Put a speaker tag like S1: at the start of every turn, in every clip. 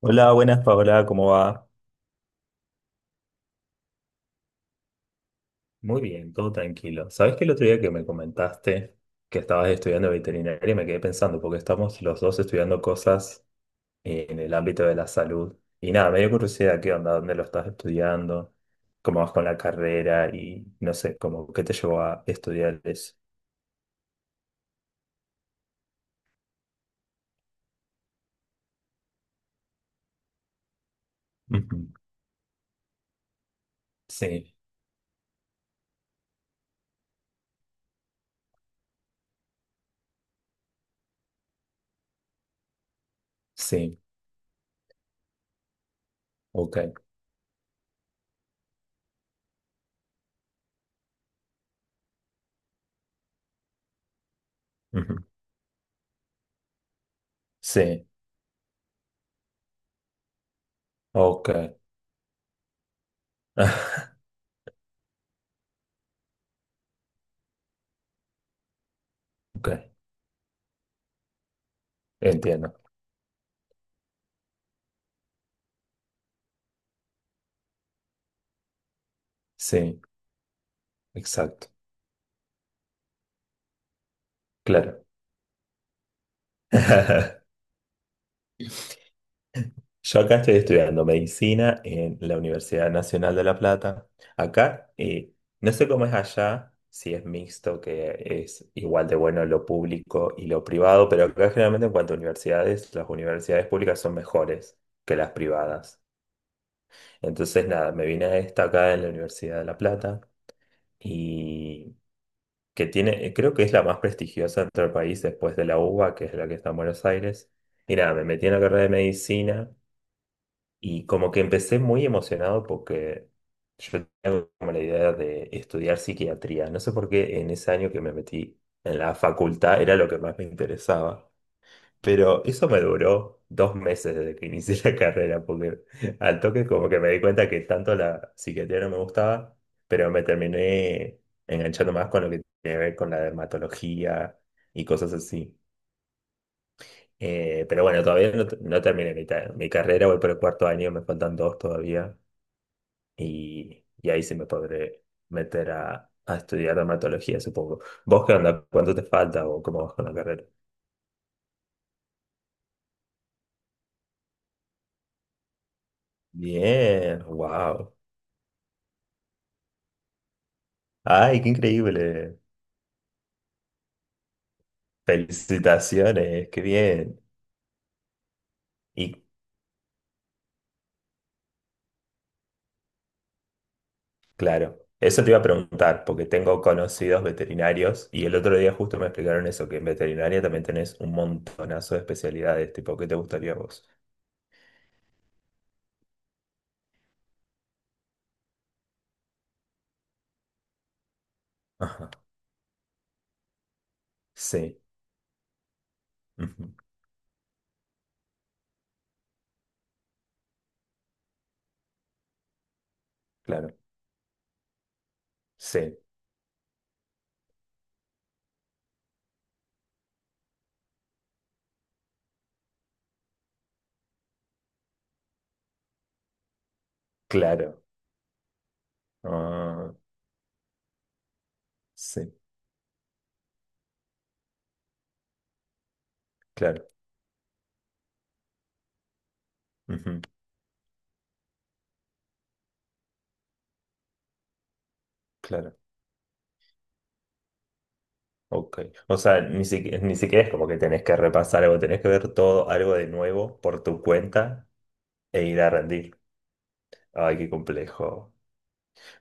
S1: Hola, buenas Paola, ¿cómo va? Muy bien, todo tranquilo. Sabes que el otro día que me comentaste que estabas estudiando veterinaria y me quedé pensando, porque estamos los dos estudiando cosas en el ámbito de la salud. Y nada, me dio curiosidad, ¿qué onda? ¿Dónde lo estás estudiando? ¿Cómo vas con la carrera? Y no sé, como, ¿qué te llevó a estudiar eso? Ujú. Sí, sí, ok. Ujú. Sí, ok. Ok, entiendo. Sí, exacto, claro. Yo acá estoy estudiando medicina en la Universidad Nacional de La Plata. Acá, no sé cómo es allá, si es mixto, que es igual de bueno lo público y lo privado, pero acá generalmente en cuanto a universidades, las universidades públicas son mejores que las privadas. Entonces, nada, me vine a esta acá en la Universidad de La Plata y que tiene, creo que es la más prestigiosa en todo el país después de la UBA, que es la que está en Buenos Aires. Y nada, me metí en la carrera de medicina. Y como que empecé muy emocionado porque yo tenía como la idea de estudiar psiquiatría. No sé por qué en ese año que me metí en la facultad era lo que más me interesaba. Pero eso me duró 2 meses desde que inicié la carrera, porque al toque como que me di cuenta que tanto la psiquiatría no me gustaba, pero me terminé enganchando más con lo que tiene que ver con la dermatología y cosas así. Pero bueno, todavía no, no terminé mi carrera, voy por el cuarto año, me faltan dos todavía y ahí sí me podré meter a estudiar dermatología, supongo. ¿Vos qué onda? ¿Cuánto te falta o cómo vas con la carrera? Bien, wow. Ay, qué increíble. Felicitaciones, qué bien. Y claro, eso te iba a preguntar, porque tengo conocidos veterinarios y el otro día justo me explicaron eso, que en veterinaria también tenés un montonazo de especialidades, tipo, ¿qué te gustaría a vos? Ajá, sí, ujú, claro, sí, claro, ah, sí, claro. Ujú, claro, ok. O sea, ni siquiera, ni siquiera es como que tenés que repasar algo, tenés que ver todo algo de nuevo por tu cuenta e ir a rendir. Ay, qué complejo.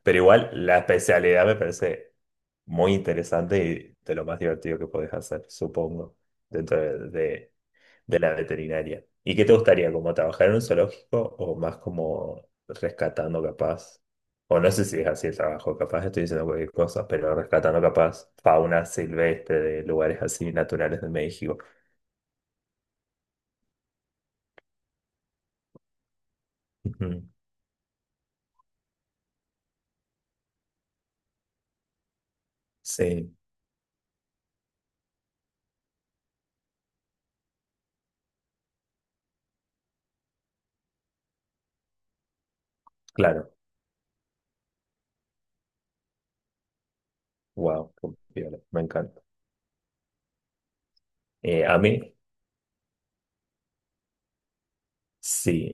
S1: Pero igual la especialidad me parece muy interesante y de lo más divertido que podés hacer, supongo, dentro de la veterinaria. ¿Y qué te gustaría, como trabajar en un zoológico o más como rescatando capaz? O no sé si es así el trabajo, capaz estoy diciendo cualquier cosa, pero rescatando capaz fauna silvestre de lugares así naturales de México. Ujú. Sí, claro. Wow, me encanta. A mí, sí.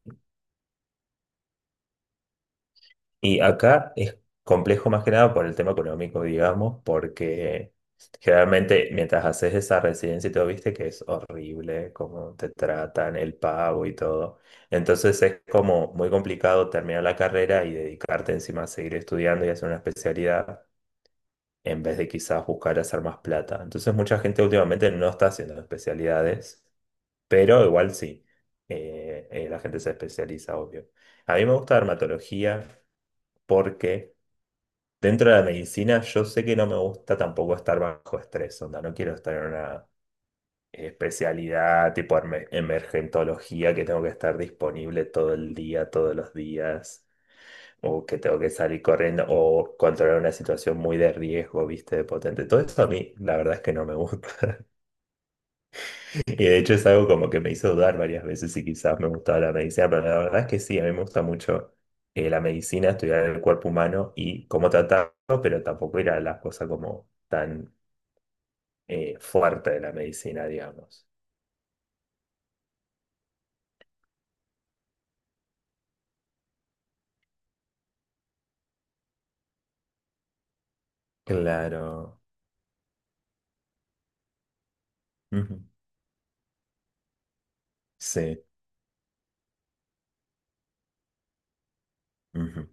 S1: Y acá es complejo más que nada por el tema económico, digamos, porque generalmente mientras haces esa residencia y todo, viste que es horrible cómo te tratan, el pago y todo. Entonces es como muy complicado terminar la carrera y dedicarte encima a seguir estudiando y hacer una especialidad en vez de quizás buscar hacer más plata. Entonces mucha gente últimamente no está haciendo especialidades, pero igual sí, la gente se especializa, obvio. A mí me gusta dermatología porque dentro de la medicina, yo sé que no me gusta tampoco estar bajo estrés, onda, no quiero estar en una especialidad tipo emergentología que tengo que estar disponible todo el día, todos los días, o que tengo que salir corriendo o controlar una situación muy de riesgo, viste, de potente. Todo eso a mí, la verdad es que no me gusta. Y de hecho es algo como que me hizo dudar varias veces si quizás me gustaba la medicina, pero la verdad es que sí, a mí me gusta mucho la medicina, estudiar el cuerpo humano y cómo tratarlo, pero tampoco ir a las cosas como tan fuerte de la medicina, digamos. Claro. Ujú. Sí, ujú.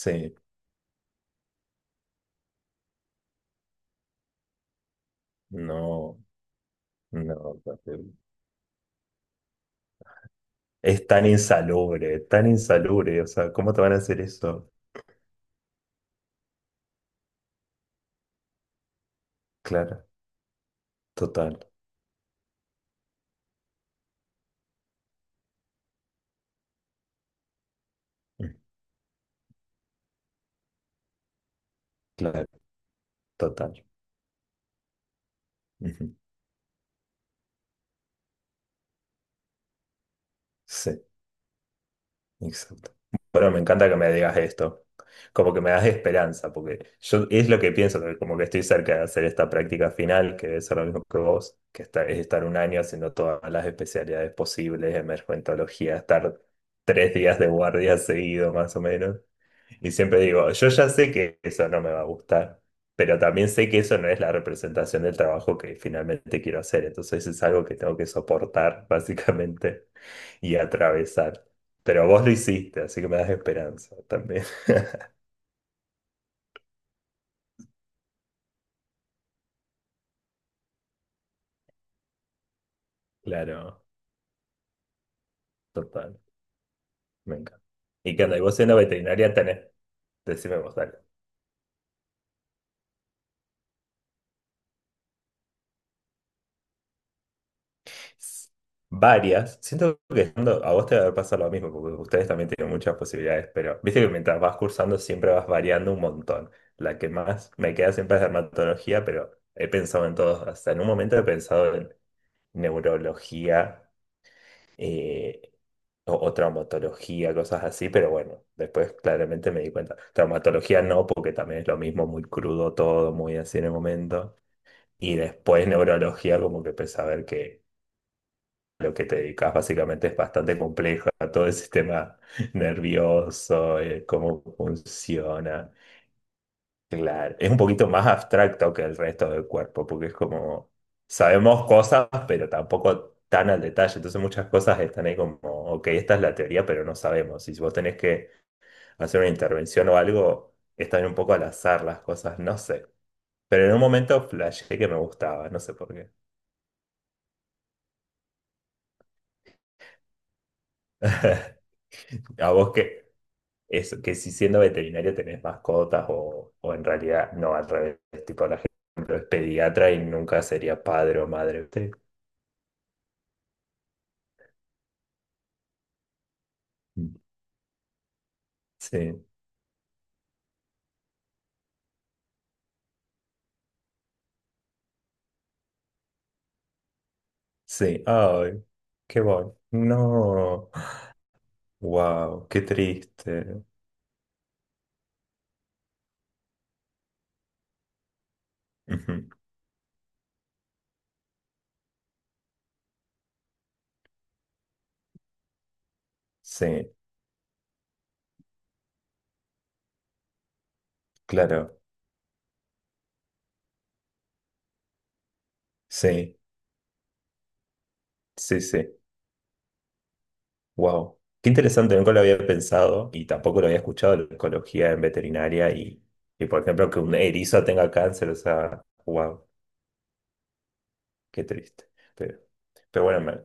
S1: Sí, no, no, porque es tan insalubre, o sea, ¿cómo te van a hacer eso? Claro, total. Mm, claro, total. Ujú. Sí. Exacto. Bueno, me encanta que me digas esto. Como que me das esperanza, porque yo es lo que pienso, que como que estoy cerca de hacer esta práctica final, que debe ser lo mismo que vos, que es estar un año haciendo todas las especialidades posibles, emergentología, estar 3 días de guardia seguido más o menos. Y siempre digo, yo ya sé que eso no me va a gustar, pero también sé que eso no es la representación del trabajo que finalmente quiero hacer. Entonces es algo que tengo que soportar, básicamente y atravesar. Pero vos lo hiciste, así que me das esperanza también. Claro, total, me encanta. Y que anda, y vos siendo veterinaria tenés, decime vos, dale. S- Varias, siento que siendo, a vos te va a pasar lo mismo, porque ustedes también tienen muchas posibilidades, pero viste que mientras vas cursando siempre vas variando un montón. La que más me queda siempre es dermatología, pero he pensado en todos, hasta en un momento he pensado en neurología, eh, o traumatología, cosas así, pero bueno, después claramente me di cuenta. Traumatología no, porque también es lo mismo, muy crudo todo, muy así en el momento. Y después neurología, como que empecé a ver que lo que te dedicas básicamente es bastante complejo, a todo el sistema nervioso, cómo funciona. Claro, es un poquito más abstracto que el resto del cuerpo, porque es como, sabemos cosas, pero tampoco tan al detalle. Entonces muchas cosas están ahí como, ok, esta es la teoría, pero no sabemos. Y si vos tenés que hacer una intervención o algo, están un poco al azar las cosas, no sé. Pero en un momento flashé que me gustaba, no sé por qué. A vos que, eso, que si siendo veterinario tenés mascotas o en realidad no, al revés, tipo la gente es pediatra y nunca sería padre o madre, ¿viste? Sí, sí. Ay, qué voy. No. Wow, qué triste. Ujú. Sí, claro. Sí, sí, sí. Wow. Qué interesante, nunca lo había pensado y tampoco lo había escuchado la ecología en veterinaria y por ejemplo, que un erizo tenga cáncer, o sea, wow, qué triste. Pero bueno, me,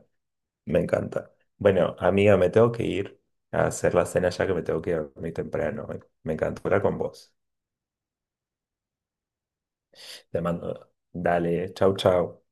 S1: me encanta. Bueno, amiga, me tengo que ir a hacer la cena ya que me tengo que ir a dormir temprano. Me encantó hablar con vos. Te mando. Dale, chau, chau.